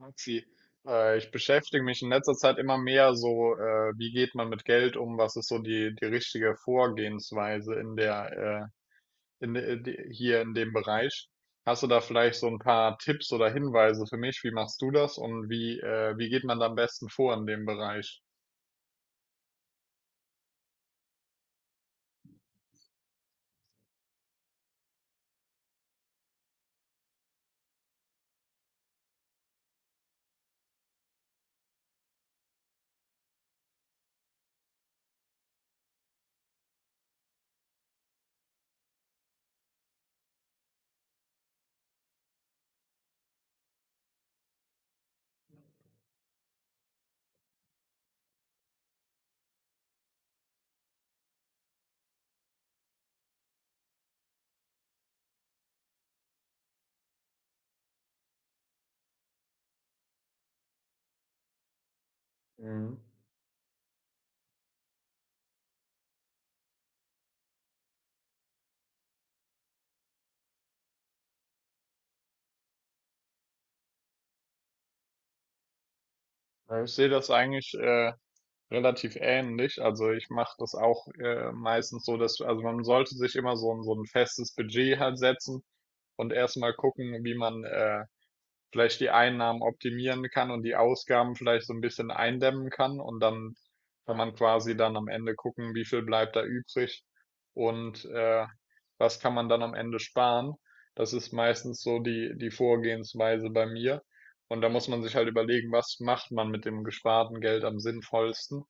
Maxi, ich beschäftige mich in letzter Zeit immer mehr so, wie geht man mit Geld um? Was ist so die richtige Vorgehensweise in der, in, de- de- hier in dem Bereich? Hast du da vielleicht so ein paar Tipps oder Hinweise für mich? Wie machst du das und wie geht man da am besten vor in dem Bereich? Mhm. Ja, ich sehe das eigentlich, relativ ähnlich. Also ich mache das auch, meistens so, dass, also man sollte sich immer so ein festes Budget halt setzen und erstmal gucken, wie man vielleicht die Einnahmen optimieren kann und die Ausgaben vielleicht so ein bisschen eindämmen kann und dann kann man quasi dann am Ende gucken, wie viel bleibt da übrig und was kann man dann am Ende sparen. Das ist meistens so die Vorgehensweise bei mir. Und da muss man sich halt überlegen, was macht man mit dem gesparten Geld am sinnvollsten.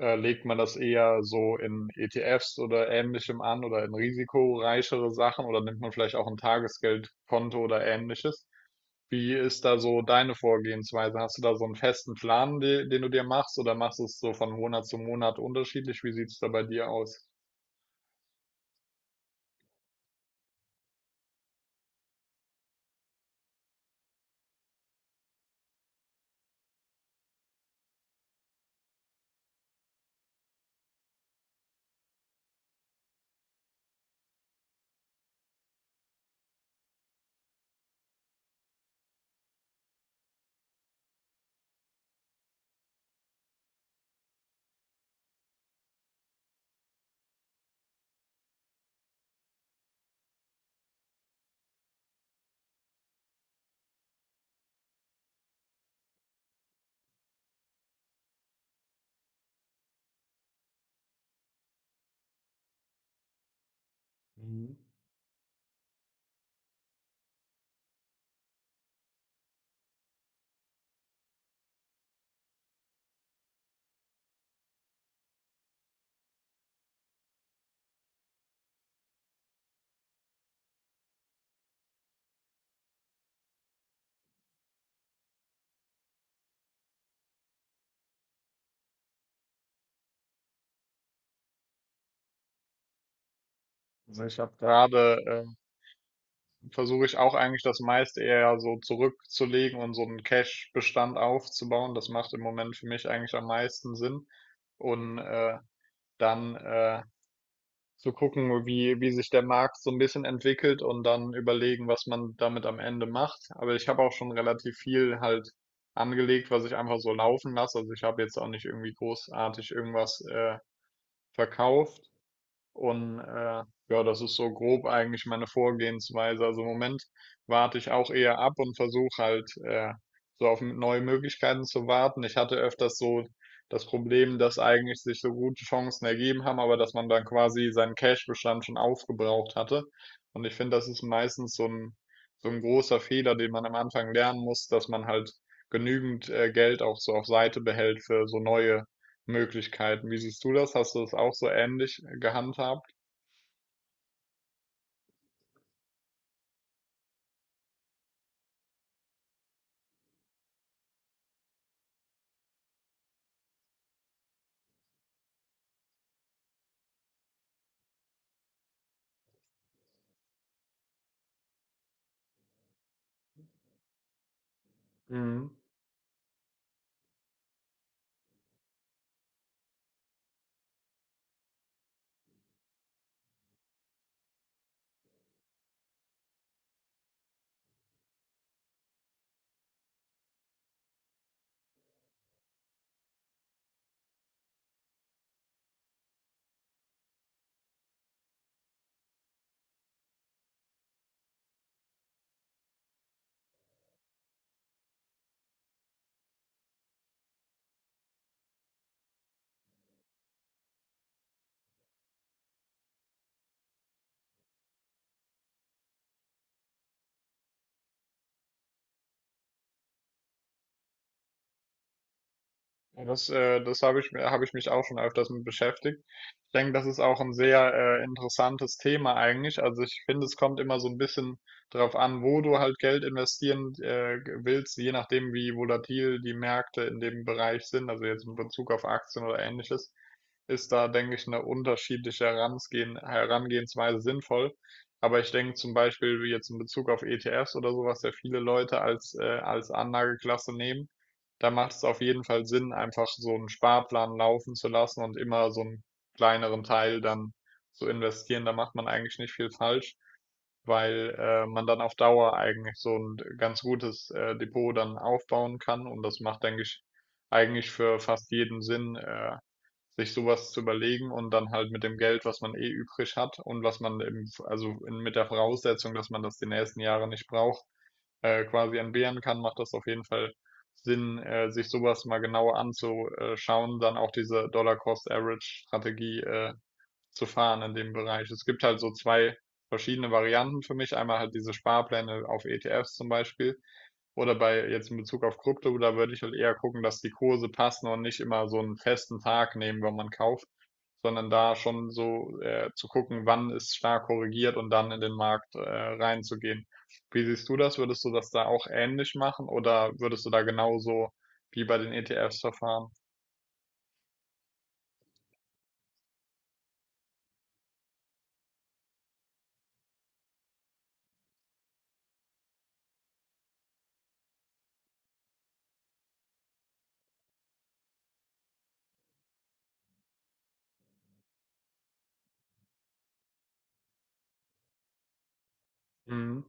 Legt man das eher so in ETFs oder ähnlichem an oder in risikoreichere Sachen oder nimmt man vielleicht auch ein Tagesgeldkonto oder ähnliches? Wie ist da so deine Vorgehensweise? Hast du da so einen festen Plan, den du dir machst, oder machst du es so von Monat zu Monat unterschiedlich? Wie sieht's da bei dir aus? Also ich habe Gerade versuche ich auch eigentlich das meiste eher so zurückzulegen und so einen Cash-Bestand aufzubauen. Das macht im Moment für mich eigentlich am meisten Sinn. Und dann zu gucken, wie sich der Markt so ein bisschen entwickelt und dann überlegen, was man damit am Ende macht. Aber ich habe auch schon relativ viel halt angelegt, was ich einfach so laufen lasse. Also ich habe jetzt auch nicht irgendwie großartig irgendwas verkauft. Und ja, das ist so grob eigentlich meine Vorgehensweise. Also im Moment warte ich auch eher ab und versuche halt so auf neue Möglichkeiten zu warten. Ich hatte öfters so das Problem, dass eigentlich sich so gute Chancen ergeben haben, aber dass man dann quasi seinen Cash-Bestand schon aufgebraucht hatte. Und ich finde, das ist meistens so ein großer Fehler, den man am Anfang lernen muss, dass man halt genügend Geld auch so auf Seite behält für so neue Möglichkeiten. Wie siehst du das? Hast du das auch so ähnlich gehandhabt? Mhm. Ja, Das, das habe ich mir, habe ich mich auch schon öfters mit beschäftigt. Ich denke, das ist auch ein sehr interessantes Thema eigentlich. Also ich finde, es kommt immer so ein bisschen darauf an, wo du halt Geld investieren willst, je nachdem, wie volatil die Märkte in dem Bereich sind, also jetzt in Bezug auf Aktien oder ähnliches. Ist da, denke ich, eine unterschiedliche Herangehensweise sinnvoll. Aber ich denke zum Beispiel wie jetzt in Bezug auf ETFs oder sowas, ja viele Leute als Anlageklasse nehmen, da macht es auf jeden Fall Sinn, einfach so einen Sparplan laufen zu lassen und immer so einen kleineren Teil dann zu investieren. Da macht man eigentlich nicht viel falsch, weil man dann auf Dauer eigentlich so ein ganz gutes Depot dann aufbauen kann. Und das macht, denke ich, eigentlich für fast jeden Sinn, sich sowas zu überlegen und dann halt mit dem Geld, was man eh übrig hat und was man eben, mit der Voraussetzung, dass man das die nächsten Jahre nicht braucht, quasi entbehren kann, macht das auf jeden Fall Sinn, sich sowas mal genauer anzuschauen, dann auch diese Dollar-Cost-Average-Strategie zu fahren in dem Bereich. Es gibt halt so zwei verschiedene Varianten für mich. Einmal halt diese Sparpläne auf ETFs zum Beispiel oder bei jetzt in Bezug auf Krypto, da würde ich halt eher gucken, dass die Kurse passen und nicht immer so einen festen Tag nehmen, wenn man kauft, sondern da schon so, zu gucken, wann ist stark korrigiert und dann in den Markt reinzugehen. Wie siehst du das? Würdest du das da auch ähnlich machen oder würdest du da genauso wie bei den ETFs verfahren? Mhm.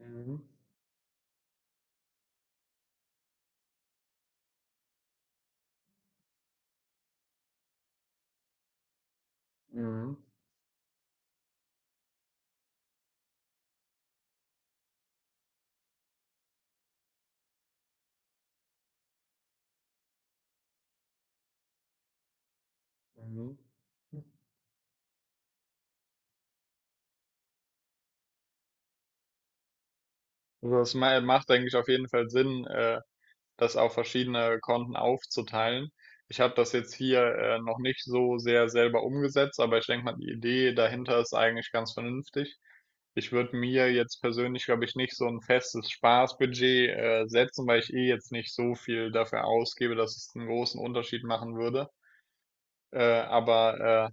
Mhm. Mhm. Mhm. Also, das ma macht, denke ich, auf jeden Fall Sinn, das auf verschiedene Konten aufzuteilen. Ich habe das jetzt hier noch nicht so sehr selber umgesetzt, aber ich denke mal, die Idee dahinter ist eigentlich ganz vernünftig. Ich würde mir jetzt persönlich, glaube ich, nicht so ein festes Spaßbudget setzen, weil ich eh jetzt nicht so viel dafür ausgebe, dass es einen großen Unterschied machen würde. Aber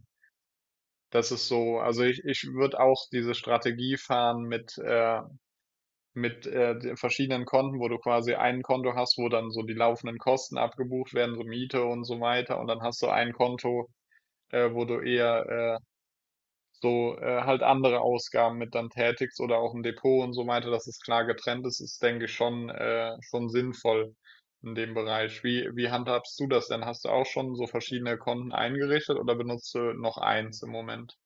das ist so, also ich würde auch diese Strategie fahren mit den verschiedenen Konten, wo du quasi ein Konto hast, wo dann so die laufenden Kosten abgebucht werden, so Miete und so weiter. Und dann hast du ein Konto, wo du eher halt andere Ausgaben mit dann tätigst oder auch ein Depot und so weiter, dass es klar getrennt ist, denke ich, schon sinnvoll in dem Bereich. Wie handhabst du das denn? Hast du auch schon so verschiedene Konten eingerichtet oder benutzt du noch eins im Moment?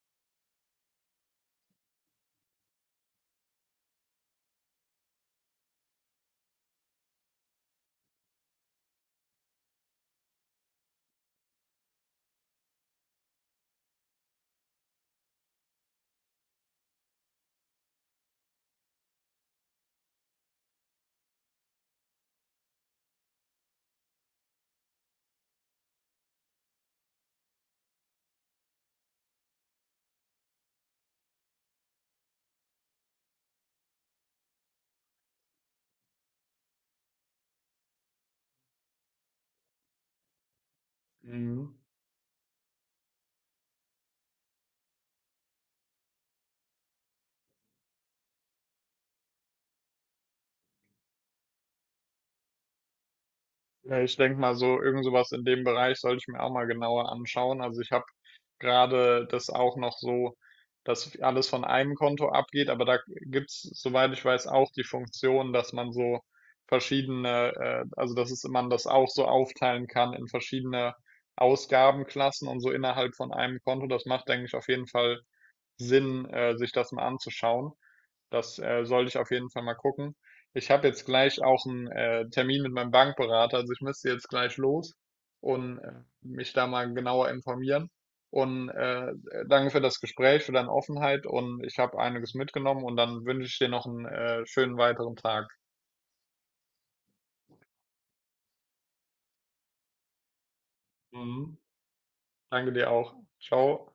Mhm. Ja, ich denke mal, so irgend sowas in dem Bereich sollte ich mir auch mal genauer anschauen. Also ich habe gerade das auch noch so, dass alles von einem Konto abgeht, aber da gibt's, soweit ich weiß, auch die Funktion, dass man so verschiedene, man das auch so aufteilen kann in verschiedene Ausgabenklassen und so innerhalb von einem Konto. Das macht, denke ich, auf jeden Fall Sinn, sich das mal anzuschauen. Das sollte ich auf jeden Fall mal gucken. Ich habe jetzt gleich auch einen Termin mit meinem Bankberater, also ich müsste jetzt gleich los und mich da mal genauer informieren. Und danke für das Gespräch, für deine Offenheit und ich habe einiges mitgenommen und dann wünsche ich dir noch einen schönen weiteren Tag. Mhm. Danke dir auch. Ciao.